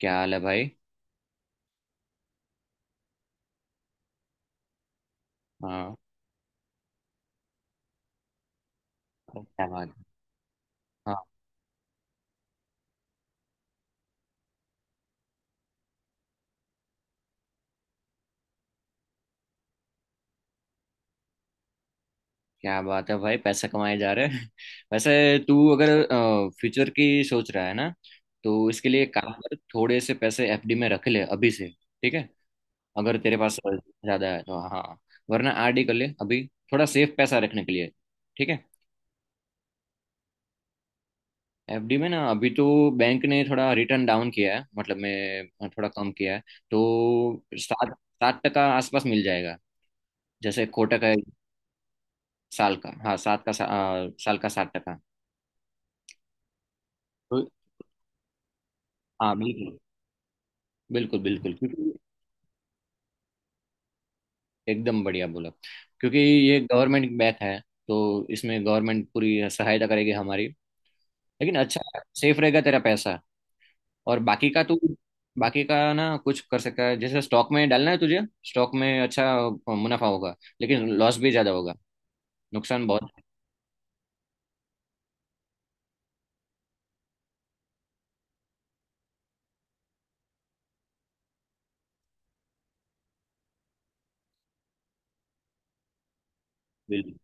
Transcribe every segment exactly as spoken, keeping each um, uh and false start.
क्या हाल है भाई। हाँ। अरे क्या बात है। हाँ। क्या बात है भाई, पैसा कमाए जा रहे हैं। वैसे तू अगर फ्यूचर की सोच रहा है ना, तो इसके लिए एक काम कर, थोड़े से पैसे एफ डी में रख ले अभी से। ठीक है? अगर तेरे पास ज्यादा है तो। हाँ, वरना आर डी कर ले अभी, थोड़ा सेफ पैसा रखने के लिए। ठीक है? एफ डी में ना अभी तो बैंक ने थोड़ा रिटर्न डाउन किया है, मतलब मैं थोड़ा कम किया है। तो सात, सात टका आसपास मिल जाएगा, जैसे कोटक है। साल का, हाँ, सात का सा, आ, साल का सात टका। तो हाँ बिल्कुल। बिल्कुल बिल्कुल क्योंकि एकदम बढ़िया बोला। क्योंकि ये गवर्नमेंट बैच है, तो इसमें गवर्नमेंट पूरी सहायता करेगी हमारी। लेकिन अच्छा, सेफ रहेगा तेरा पैसा। और बाकी का तू, बाकी का ना कुछ कर सकता है। जैसे स्टॉक में डालना है तुझे, स्टॉक में अच्छा मुनाफा होगा लेकिन लॉस भी ज्यादा होगा, नुकसान बहुत। बिल्कुल।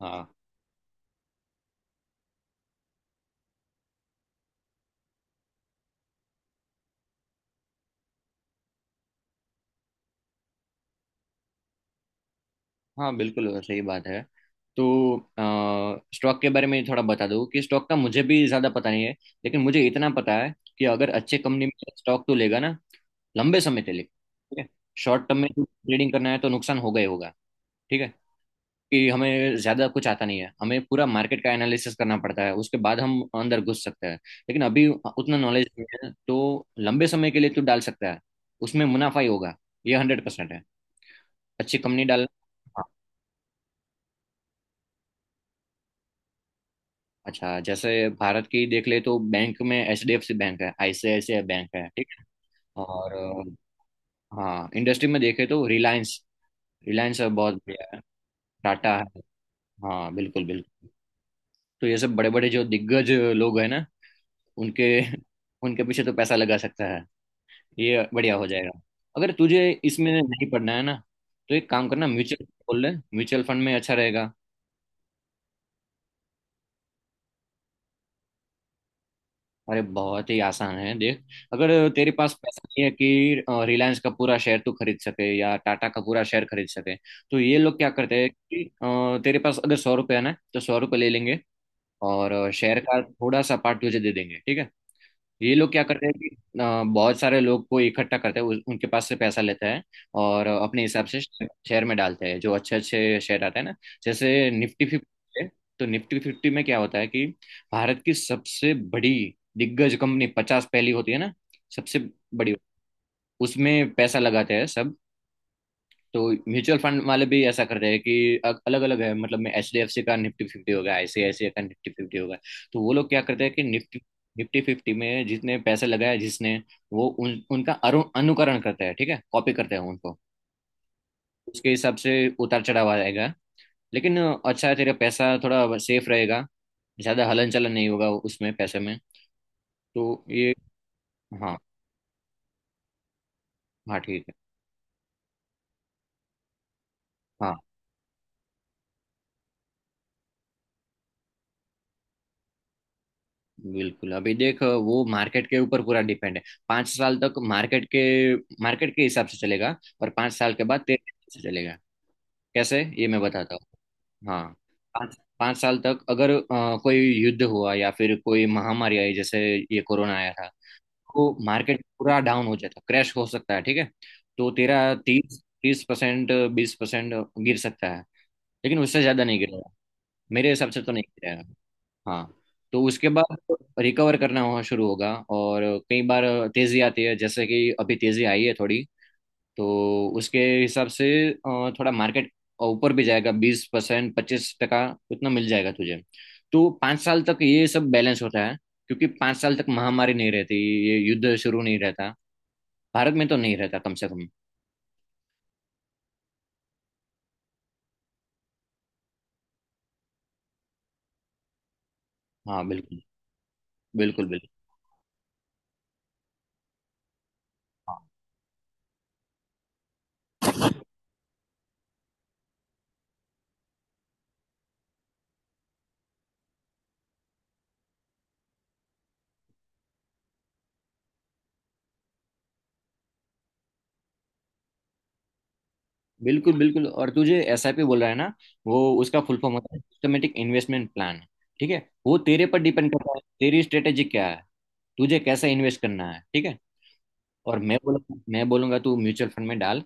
हाँ, हाँ बिल्कुल, वो सही बात है। तो स्टॉक के बारे में थोड़ा बता दूँ कि स्टॉक का मुझे भी ज़्यादा पता नहीं है, लेकिन मुझे इतना पता है कि अगर अच्छे कंपनी में स्टॉक तो लेगा ना, लंबे समय के लिए। ठीक है? शॉर्ट टर्म में ट्रेडिंग करना है तो नुकसान होगा ही होगा। ठीक है कि हमें ज़्यादा कुछ आता नहीं है, हमें पूरा मार्केट का एनालिसिस करना पड़ता है उसके बाद हम अंदर घुस सकते हैं। लेकिन अभी उतना नॉलेज नहीं है तो लंबे समय के लिए तू डाल सकता है, उसमें मुनाफा ही होगा। ये हंड्रेड परसेंट है, अच्छी कंपनी डालना। अच्छा, जैसे भारत की देख ले तो बैंक में H D F C bank है, आई सी आई सी आई बैंक है। ठीक है? और अ, हाँ, इंडस्ट्री में देखे तो रिलायंस, रिलायंस बहुत बढ़िया है। टाटा है। हाँ बिल्कुल बिल्कुल। तो ये सब बड़े बड़े जो दिग्गज लोग हैं ना, उनके, उनके पीछे तो पैसा लगा सकता है, ये बढ़िया हो जाएगा। अगर तुझे इसमें नहीं पढ़ना है ना, तो एक काम करना, म्यूचुअल खोल ले, म्यूचुअल फंड में अच्छा रहेगा। अरे बहुत ही आसान है, देख। अगर तेरे पास पैसा नहीं है कि रिलायंस का पूरा शेयर तू खरीद सके या टाटा का पूरा शेयर खरीद सके, तो ये लोग क्या करते हैं कि अ, तेरे पास अगर सौ रुपये है ना, तो सौ रुपये ले लेंगे और शेयर का थोड़ा सा पार्ट तुझे दे देंगे। ठीक है? ये लोग क्या करते हैं कि अ, बहुत सारे लोग को इकट्ठा करते हैं, उ- उनके पास से पैसा लेते हैं और अपने हिसाब से शेयर में डालते हैं, जो अच्छे अच्छे शेयर आते हैं ना, जैसे निफ्टी फिफ्टी। तो निफ्टी फिफ्टी में क्या होता है कि भारत की सबसे बड़ी दिग्गज कंपनी पचास पहली होती है ना, सबसे बड़ी, उसमें पैसा लगाते हैं सब। तो म्यूचुअल फंड वाले भी ऐसा कर रहे हैं कि अलग अलग है, मतलब में एच डी एफ सी का निफ्टी फिफ्टी होगा, आई सी आई सी आई का निफ्टी फिफ्टी होगा। तो वो लोग क्या करते हैं कि निफ्टी, निफ्टी फिफ्टी में जितने पैसे लगाए जिसने, वो उन, उनका अरु- अनुकरण करते हैं। ठीक है, कॉपी करते हैं उनको। उसके हिसाब से उतार चढ़ाव आएगा, लेकिन अच्छा है, तेरा पैसा थोड़ा सेफ रहेगा, ज्यादा हलन चलन नहीं होगा उसमें पैसे में। तो ये हाँ। हाँ ठीक है। हाँ बिल्कुल, अभी देख, वो मार्केट के ऊपर पूरा डिपेंड है। पांच साल तक मार्केट के, मार्केट के हिसाब से चलेगा और पांच साल के बाद तेरे हिसाब से चलेगा। कैसे, ये मैं बताता हूँ। हाँ, पाँच पाँच साल तक अगर अ, कोई युद्ध हुआ या फिर कोई महामारी आई, जैसे ये कोरोना आया था, तो मार्केट पूरा डाउन हो जाता, क्रैश हो सकता है। ठीक है? तो तेरा तीस तीस परसेंट, बीस परसेंट गिर सकता है, लेकिन उससे ज्यादा नहीं गिरेगा। मेरे हिसाब से तो नहीं गिरेगा। हाँ। तो उसके बाद रिकवर करना वहाँ शुरू होगा और कई बार तेजी आती है, जैसे कि अभी तेजी आई है थोड़ी। तो उसके हिसाब से अ, थोड़ा मार्केट ऊपर भी जाएगा, बीस परसेंट, पच्चीस टका, उतना मिल जाएगा तुझे। तो पाँच साल तक ये सब बैलेंस होता है, क्योंकि पाँच साल तक महामारी नहीं रहती, ये युद्ध शुरू नहीं रहता, भारत में तो नहीं रहता कम से कम। हाँ बिल्कुल बिल्कुल, बिल्कुल बिल्कुल बिल्कुल। और तुझे एस आई पी बोल रहा है ना, वो, उसका फुल फॉर्म होता है सिस्टमेटिक इन्वेस्टमेंट प्लान। ठीक है? वो तेरे पर डिपेंड करता है, तेरी स्ट्रेटेजी क्या है, तुझे कैसे इन्वेस्ट करना है। ठीक है? और मैं बोलूंगा मैं बोलूंगा तू म्यूचुअल फंड में डाल।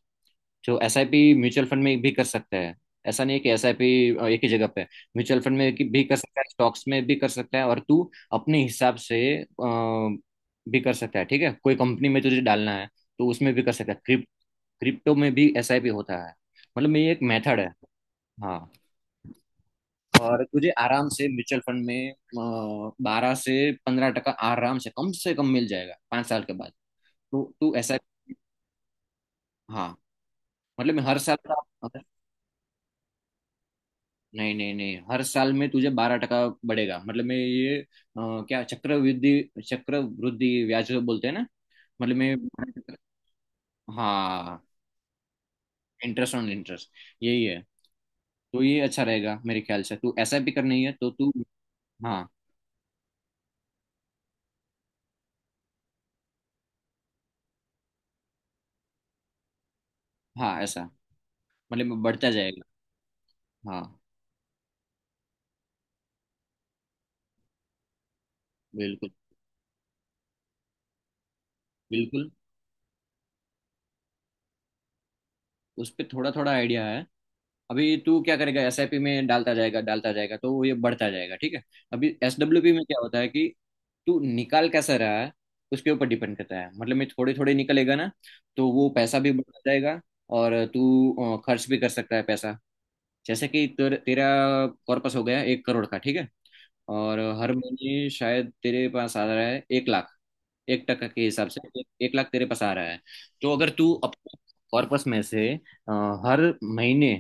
जो एसआईपी म्यूचुअल फंड में भी कर सकता है, ऐसा नहीं है कि एसआईपी एक ही जगह पे है। म्यूचुअल फंड में कि- भी कर सकता है, स्टॉक्स में भी कर सकता है, और तू अपने हिसाब से अ, भी कर सकता है। ठीक है? कोई कंपनी में तुझे डालना है तो उसमें भी कर सकता है। क्रिप, क्रिप्टो में भी एसआईपी होता है, मतलब ये एक मेथड है। हाँ। और तुझे आराम से म्यूचुअल फंड में बारह से पंद्रह टका आराम से, कम से कम, मिल जाएगा पांच साल के बाद। तो तू ऐसा। हाँ, मतलब मैं हर साल का। नहीं नहीं नहीं, हर साल में तुझे बारह टका बढ़ेगा, मतलब मैं ये अ, क्या चक्रवृद्धि, चक्रवृद्धि ब्याज बोलते हैं ना, मतलब मैं। हाँ, इंटरेस्ट ऑन इंटरेस्ट, यही है। तो ये अच्छा रहेगा मेरे ख्याल से, तू ऐसा भी करनी है तो तू। हाँ, हाँ ऐसा, मतलब बढ़ता जाएगा। हाँ बिल्कुल बिल्कुल। उस पर थोड़ा थोड़ा आइडिया है। अभी तू क्या करेगा, एसआईपी में डालता जाएगा डालता जाएगा तो वो ये बढ़ता जाएगा। ठीक है? अभी एस डब्ल्यू पी में क्या होता है कि तू निकाल कैसा रहा है, उसके ऊपर डिपेंड करता है। मतलब मैं थोड़े थोड़े निकलेगा ना, तो वो पैसा भी बढ़ता जाएगा और तू अ, खर्च भी कर सकता है पैसा। जैसे कि तेर, तेरा कॉर्पस हो गया एक करोड़ का। ठीक है? और हर महीने शायद तेरे पास आ रहा है एक लाख, एक टका के हिसाब से एक, एक लाख तेरे पास आ रहा है। तो अगर तू अपने कॉर्पस में से अ, हर महीने,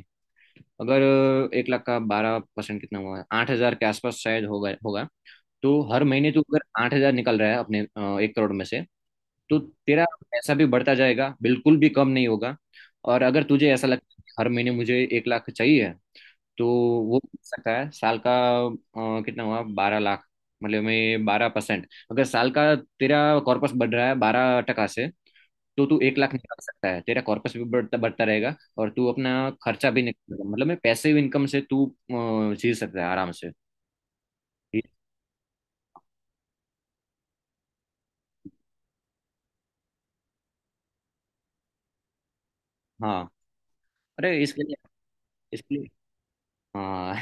अगर एक लाख का बारह परसेंट कितना हुआ है, आठ हजार के आसपास शायद होगा होगा। तो हर महीने तू अगर आठ हजार निकल रहा है अपने अ, एक करोड़ में से, तो तेरा पैसा भी बढ़ता जाएगा, बिल्कुल भी कम नहीं होगा। और अगर तुझे ऐसा लगता है कि हर महीने मुझे एक लाख चाहिए, तो वो मिल सकता है साल का अ, कितना हुआ, बारह लाख, मतलब में बारह परसेंट। अगर साल का तेरा कॉर्पस बढ़ रहा है बारह टका से, तो तू एक लाख निकाल सकता है, तेरा कॉर्पस भी बढ़ता बढ़ता रहेगा और तू अपना खर्चा भी निकाल, मतलब में पैसिव इनकम से तू अ, जी सकता है आराम से। ये- हाँ, अरे इसके लिए, इसके लिए हाँ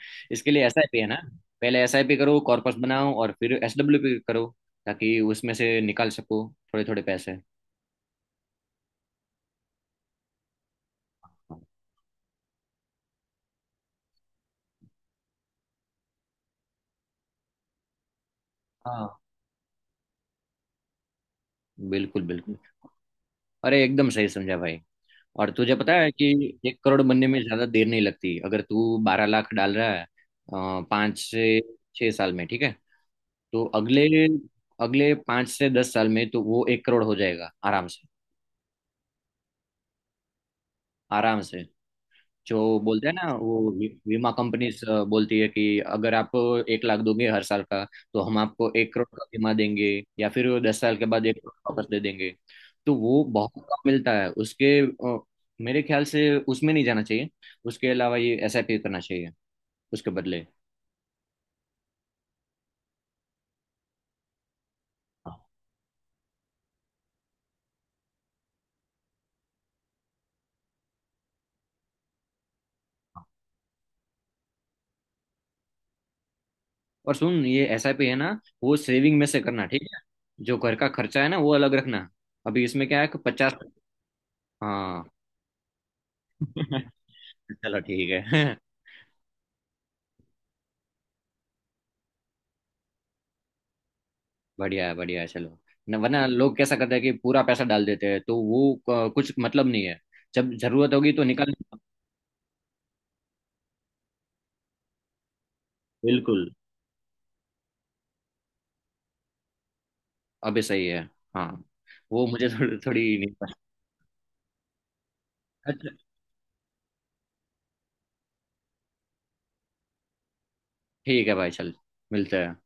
इसके लिए एसआईपी है ना, पहले एस आई पी करो, कॉर्पस बनाओ, और फिर एस डब्ल्यू पी करो ताकि उसमें से निकाल सको थोड़े थोड़े पैसे। हाँ बिल्कुल बिल्कुल। अरे एकदम सही समझा भाई। और तुझे पता है कि एक करोड़ बनने में ज्यादा देर नहीं लगती, अगर तू बारह लाख डाल रहा है अ, पाँच से छह साल में। ठीक है? तो अगले अगले पाँच से दस साल में तो वो एक करोड़ हो जाएगा आराम से, आराम से। जो बोलते हैं ना वो वी- बीमा कंपनीज बोलती है कि अगर आप एक लाख दोगे हर साल का, तो हम आपको एक करोड़ का बीमा देंगे, या फिर वो दस साल के बाद एक करोड़ वापस दे देंगे। तो वो बहुत कम मिलता है उसके अ, मेरे ख्याल से उसमें नहीं जाना चाहिए। उसके अलावा ये एसआईपी करना चाहिए उसके बदले। हाँ। हाँ। और सुन, ये एसआईपी है ना, वो सेविंग में से करना। ठीक है? जो घर का खर्चा है ना, वो अलग रखना। अभी इसमें क्या है कि पचास, हाँ चलो ठीक है, बढ़िया है बढ़िया है, चलो। न वरना लोग कैसा करते हैं कि पूरा पैसा डाल देते हैं, तो वो क- कुछ मतलब नहीं है। जब जरूरत होगी तो निकाल। बिल्कुल, अभी सही है। हाँ, वो मुझे थोड़ी थोड़ी नहीं पता। अच्छा, ठीक है भाई, चल, मिलते हैं।